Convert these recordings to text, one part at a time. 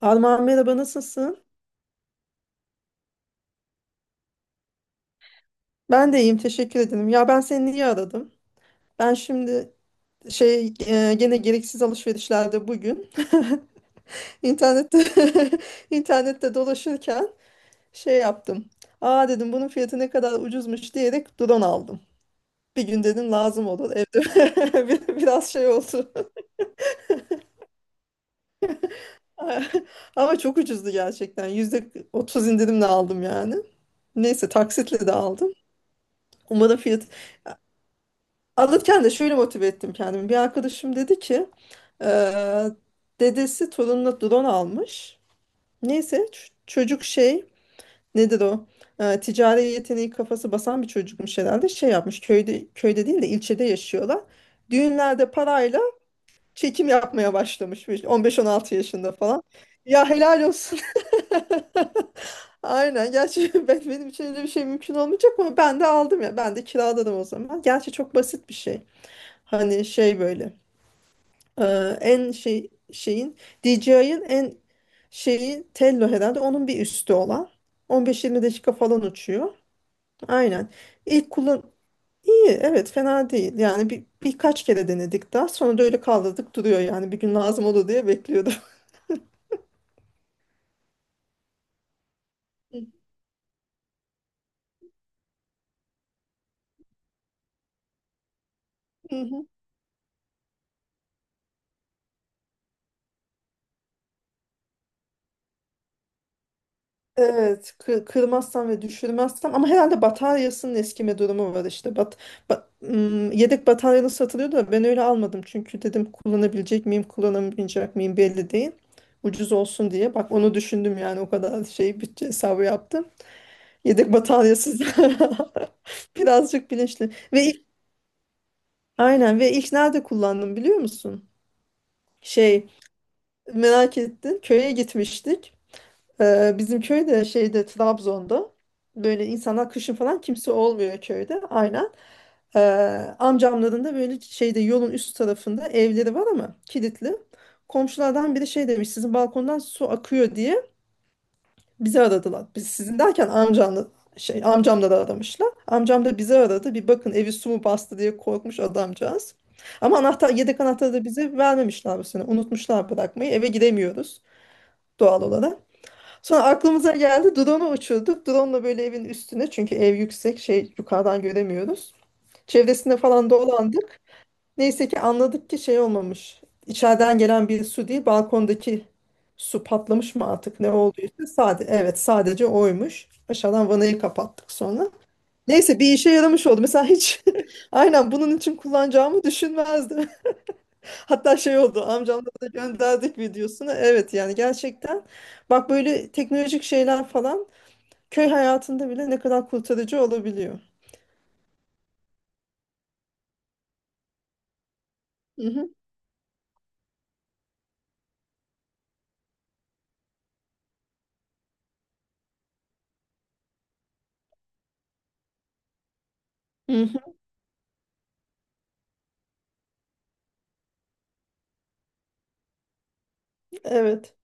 Armağan, merhaba, nasılsın? Ben de iyiyim, teşekkür ederim. Ya ben seni niye aradım? Ben şimdi şey, gene gereksiz alışverişlerde bugün, internette, internette dolaşırken şey yaptım. Aa, dedim bunun fiyatı ne kadar ucuzmuş diyerek drone aldım. Bir gün dedim lazım olur evde. Biraz şey oldu. Ama çok ucuzdu gerçekten. %30 indirimle aldım yani. Neyse taksitle de aldım. Umarım fiyat. Alırken de şöyle motive ettim kendimi. Bir arkadaşım dedi ki eee, dedesi torununa drone almış. Neyse çocuk, şey, nedir o? Ticari yeteneği kafası basan bir çocukmuş herhalde. Şey yapmış, köyde, köyde değil de ilçede yaşıyorlar. Düğünlerde parayla çekim yapmaya başlamış. Böyle 15-16 yaşında falan. Ya helal olsun. Aynen. Gerçi benim için öyle bir şey mümkün olmayacak ama ben de aldım ya. Ben de kiraladım o zaman. Gerçi çok basit bir şey. Hani şey böyle, e, en şey, şeyin DJI'ın en şeyi, Tello herhalde onun bir üstü olan, 15-20 dakika falan uçuyor. Aynen. İlk kullan iyi evet, fena değil. Yani birkaç kere denedik, daha sonra da öyle kaldırdık, duruyor yani bir gün lazım olur diye bekliyordum. Evet, kırmazsam ve düşürmezsem, ama herhalde bataryasının eskime durumu var işte. Yedek bataryalı satılıyor da ben öyle almadım, çünkü dedim kullanabilecek miyim, kullanamayacak mıyım belli değil. Ucuz olsun diye. Bak, onu düşündüm yani, o kadar şey bütçe hesabı yaptım. Yedek bataryasız birazcık bilinçli. Aynen, ve ilk nerede kullandım biliyor musun? Şey, merak ettin, köye gitmiştik. Bizim köyde, şeyde, Trabzon'da böyle, insanlar kışın falan kimse olmuyor köyde, aynen. Ee, Amcamların da böyle şeyde yolun üst tarafında evleri var ama kilitli. Komşulardan biri şey demiş, sizin balkondan su akıyor diye bizi aradılar. Biz sizin derken amcamla, şey, amcamları aramışlar. Amcam da bizi aradı. Bir bakın evi su mu bastı diye korkmuş adamcağız. Ama anahtar, yedek anahtarı da bize vermemişler bu sene. Unutmuşlar bırakmayı. Eve giremiyoruz doğal olarak. Sonra aklımıza geldi, drone'u uçurduk. Drone'la böyle evin üstüne, çünkü ev yüksek, şey, yukarıdan göremiyoruz. Çevresinde falan dolandık. Neyse ki anladık ki şey olmamış. İçeriden gelen bir su değil, balkondaki su patlamış mı artık ne olduysa, sadece evet sadece oymuş. Aşağıdan vanayı kapattık sonra. Neyse bir işe yaramış oldu. Mesela hiç aynen bunun için kullanacağımı düşünmezdim. Hatta şey oldu, amcamla da gönderdik videosunu. Evet yani gerçekten, bak, böyle teknolojik şeyler falan köy hayatında bile ne kadar kurtarıcı olabiliyor. Hı hı. Hı hı. Evet.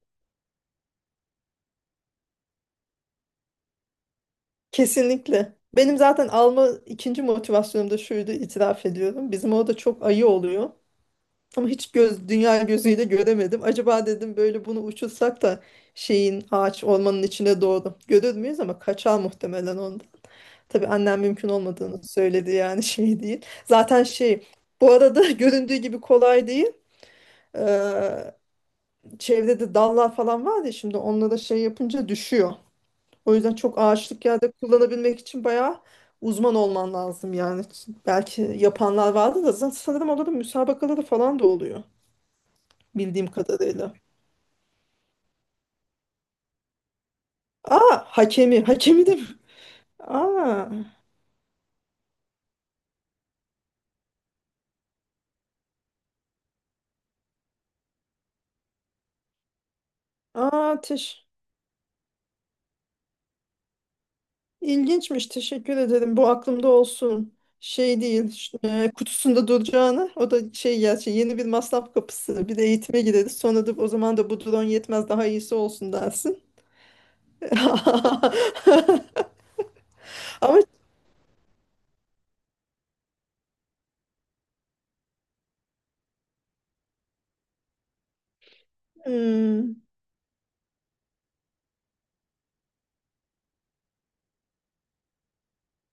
Kesinlikle. Benim zaten alma ikinci motivasyonum da şuydu, itiraf ediyorum. Bizim orada çok ayı oluyor. Ama hiç göz, dünya gözüyle göremedim. Acaba dedim böyle bunu uçursak da şeyin, ağaç ormanın içine doğru görür müyüz, ama kaçar muhtemelen ondan. Tabii annem mümkün olmadığını söyledi yani, şey değil. Zaten şey, bu arada göründüğü gibi kolay değil. Ee, Çevrede de dallar falan var ya, şimdi onlara şey yapınca düşüyor. O yüzden çok ağaçlık yerde kullanabilmek için bayağı uzman olman lazım yani. Belki yapanlar vardı da, zaten sanırım onların müsabakaları falan da oluyor bildiğim kadarıyla. Aa, hakemi, hakemi de mi? Aa, aa, ilginçmiş, teşekkür ederim, bu aklımda olsun. Şey değil, kutusunda duracağını, o da şey, gerçi yeni bir masraf kapısı, bir de eğitime gideriz sonra da o zaman da bu drone yetmez daha iyisi olsun dersin. Ama işte, hmm,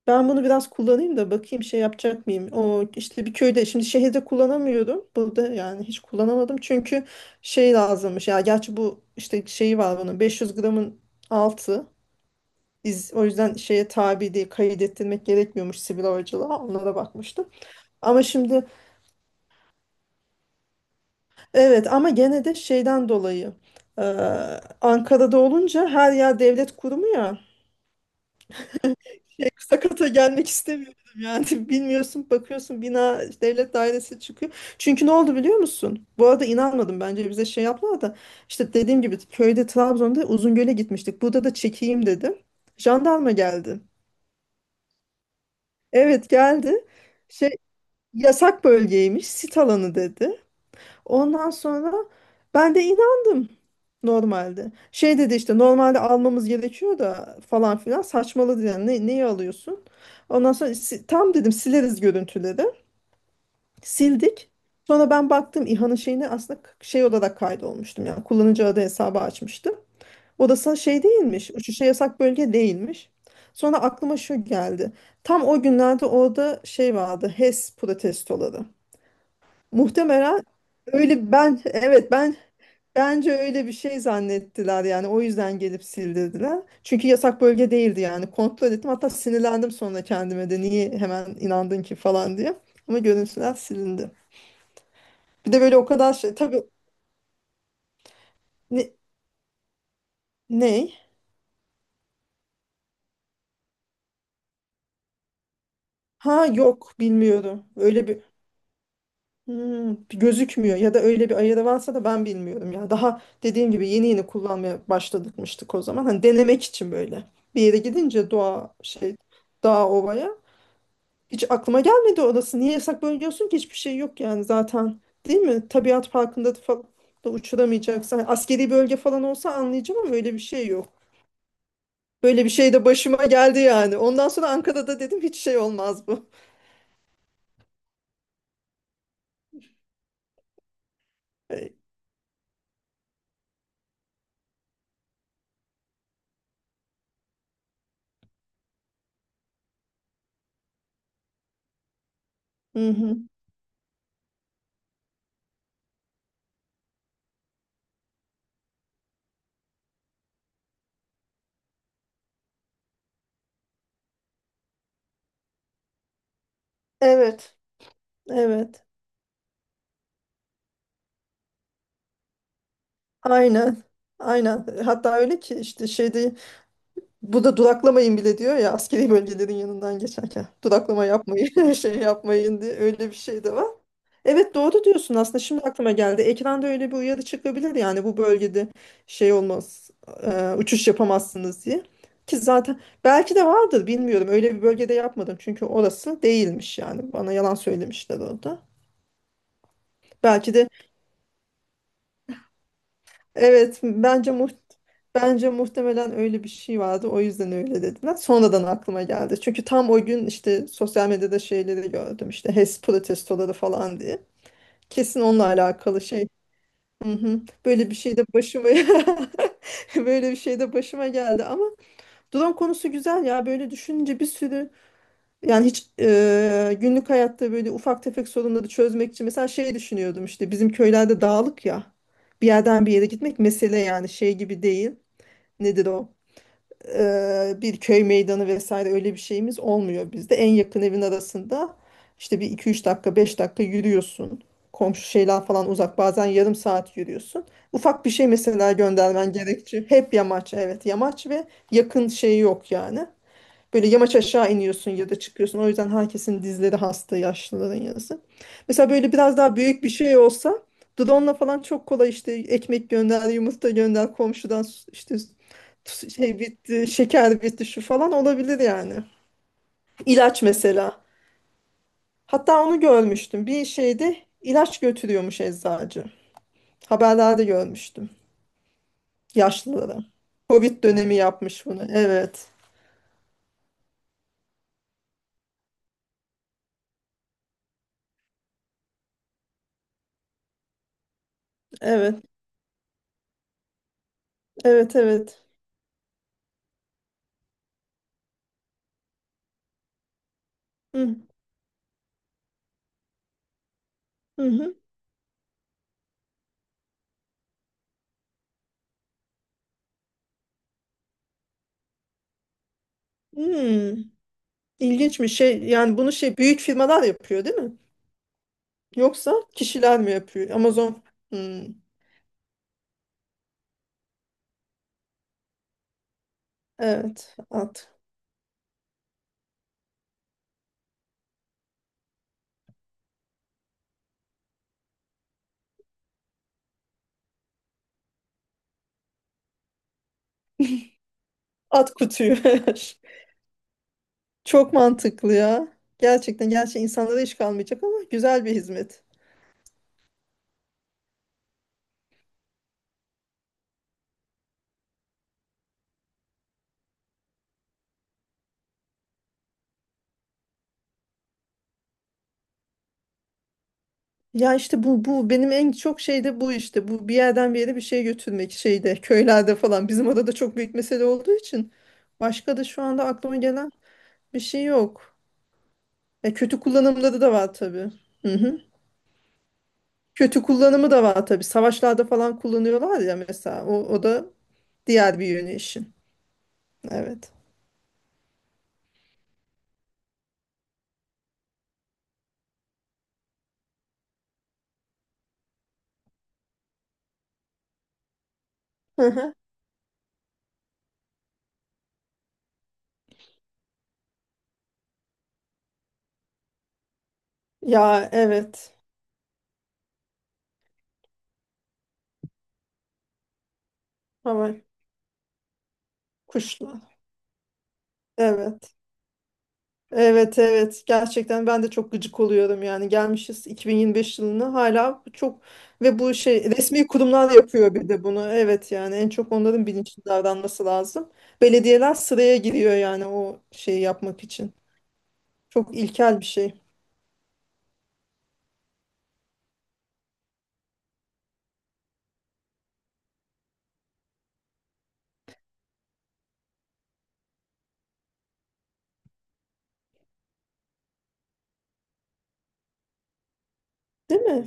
ben bunu biraz kullanayım da bakayım şey yapacak mıyım? O işte bir köyde, şimdi şehirde kullanamıyorum. Burada yani hiç kullanamadım. Çünkü şey lazımmış. Ya gerçi bu işte şeyi var bunun, 500 gramın altı. Biz o yüzden şeye tabi değil, kaydettirmek gerekmiyormuş sivil havacılığa. Onlara bakmıştım. Ama şimdi, evet ama gene de şeyden dolayı, eee, Ankara'da olunca her yer devlet kurumu ya. Şey, sakata gelmek istemiyordum yani, bilmiyorsun, bakıyorsun bina devlet dairesi çıkıyor. Çünkü ne oldu biliyor musun? Bu arada inanmadım, bence bize şey yaptılar da, işte dediğim gibi köyde, Trabzon'da, Uzungöl'e gitmiştik. Burada da çekeyim dedim. Jandarma geldi. Evet, geldi. Şey, yasak bölgeymiş, sit alanı dedi. Ondan sonra ben de inandım normalde. Şey dedi işte, normalde almamız gerekiyor da falan filan saçmaladı yani, neyi alıyorsun? Ondan sonra tam dedim sileriz görüntüleri. Sildik. Sonra ben baktım İHA'nın şeyini, aslında şey olarak kaydolmuştum yani, kullanıcı adı hesabı açmıştım. Odası şey değilmiş, uçuşa yasak bölge değilmiş. Sonra aklıma şu geldi. Tam o günlerde orada şey vardı, HES protestoları. Muhtemelen. Öyle, ben, evet ben, bence öyle bir şey zannettiler yani, o yüzden gelip sildirdiler. Çünkü yasak bölge değildi yani, kontrol ettim, hatta sinirlendim sonra kendime de niye hemen inandın ki falan diye. Ama görüntüler silindi. Bir de böyle o kadar şey tabii, ne, ne? Ha, yok, bilmiyorum öyle bir, gözükmüyor ya da öyle bir ayarı varsa da ben bilmiyorum ya. Daha dediğim gibi yeni yeni kullanmaya başladıkmıştık o zaman, hani denemek için böyle bir yere gidince doğa şey, dağ ovaya. Hiç aklıma gelmedi orası. Niye yasak bölge olsun ki? Hiçbir şey yok yani zaten. Değil mi? Tabiat parkında da falan da uçuramayacaksın. Hani askeri bölge falan olsa anlayacağım, ama öyle bir şey yok. Böyle bir şey de başıma geldi yani. Ondan sonra Ankara'da dedim hiç şey olmaz bu. Hı hı. Evet. Evet. Aynen. Aynen. Hatta öyle ki işte şeyde, bu da duraklamayın bile diyor ya askeri bölgelerin yanından geçerken. Duraklama yapmayın, şey yapmayın diye öyle bir şey de var. Evet, doğru diyorsun, aslında şimdi aklıma geldi. Ekranda öyle bir uyarı çıkabilir yani bu bölgede şey olmaz, uçuş yapamazsınız diye. Ki zaten belki de vardır bilmiyorum, öyle bir bölgede yapmadım çünkü orası değilmiş yani, bana yalan söylemişler orada. Belki de. Evet, bence muhtemelen öyle bir şey vardı. O yüzden öyle dediler. Sonradan aklıma geldi. Çünkü tam o gün işte sosyal medyada şeyleri gördüm. İşte HES protestoları falan diye. Kesin onunla alakalı şey. Hı hı. Böyle bir şey de başıma böyle bir şey de başıma geldi ama drone konusu güzel ya. Böyle düşününce bir sürü yani, hiç günlük hayatta böyle ufak tefek sorunları çözmek için mesela şey düşünüyordum, işte bizim köylerde dağlık ya. Bir yerden bir yere gitmek mesele yani, şey gibi değil, nedir o, bir köy meydanı vesaire öyle bir şeyimiz olmuyor bizde. En yakın evin arasında işte bir iki üç dakika, 5 dakika yürüyorsun. Komşu şeyler falan uzak, bazen yarım saat yürüyorsun. Ufak bir şey mesela göndermen gerekçe. Hep yamaç, evet yamaç ve yakın şey yok yani. Böyle yamaç aşağı iniyorsun ya da çıkıyorsun. O yüzden herkesin dizleri hasta, yaşlıların yazı. Mesela böyle biraz daha büyük bir şey olsa drone'la falan çok kolay, işte ekmek gönder, yumurta gönder, komşudan işte şey bitti, şeker bitti, şu falan olabilir yani. İlaç mesela. Hatta onu görmüştüm. Bir şeyde ilaç götürüyormuş eczacı. Haberlerde görmüştüm, yaşlılara. Covid dönemi yapmış bunu. Evet. Evet. Evet, evet. Hı hı. Hı. Hmm. İlginç bir şey. Yani bunu şey büyük firmalar yapıyor değil mi? Yoksa kişiler mi yapıyor? Amazon. Hmm, evet. At. At kutuyu. Çok mantıklı ya. Gerçekten, gerçekten insanlara iş kalmayacak ama güzel bir hizmet. Ya işte bu benim en çok şey de bu işte. Bu, bir yerden bir yere bir şey götürmek, şeyde köylerde falan. Bizim orada da çok büyük mesele olduğu için, başka da şu anda aklıma gelen bir şey yok. Kötü kullanımları da var tabii. Hı hı. Kötü kullanımı da var tabii. Savaşlarda falan kullanıyorlar ya mesela. O da diğer bir yönü işin. Evet. Hı hı. Ya evet. Hava, kuşlar. Evet. Evet, evet. Gerçekten ben de çok gıcık oluyorum yani. Gelmişiz 2025 yılına hala çok, ve bu şey resmi kurumlar yapıyor bir de bunu. Evet yani en çok onların bilinçli davranması lazım. Belediyeler sıraya giriyor yani o şeyi yapmak için. Çok ilkel bir şey. Değil mi?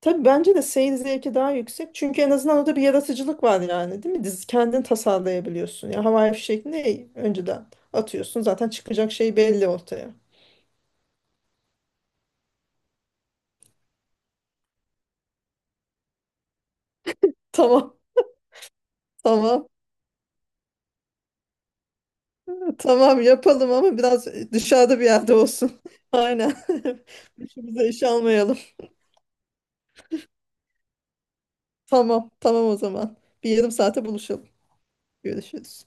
Tabii bence de seyir zevki daha yüksek. Çünkü en azından orada bir yaratıcılık var yani, değil mi? Dizi kendin tasarlayabiliyorsun. Ya havai fişek ne, önceden atıyorsun. Zaten çıkacak şey belli ortaya. Tamam. Tamam. Tamam, yapalım ama biraz dışarıda bir yerde olsun. Aynen. Başımıza iş almayalım. Tamam. Tamam o zaman. Bir yarım saate buluşalım. Görüşürüz.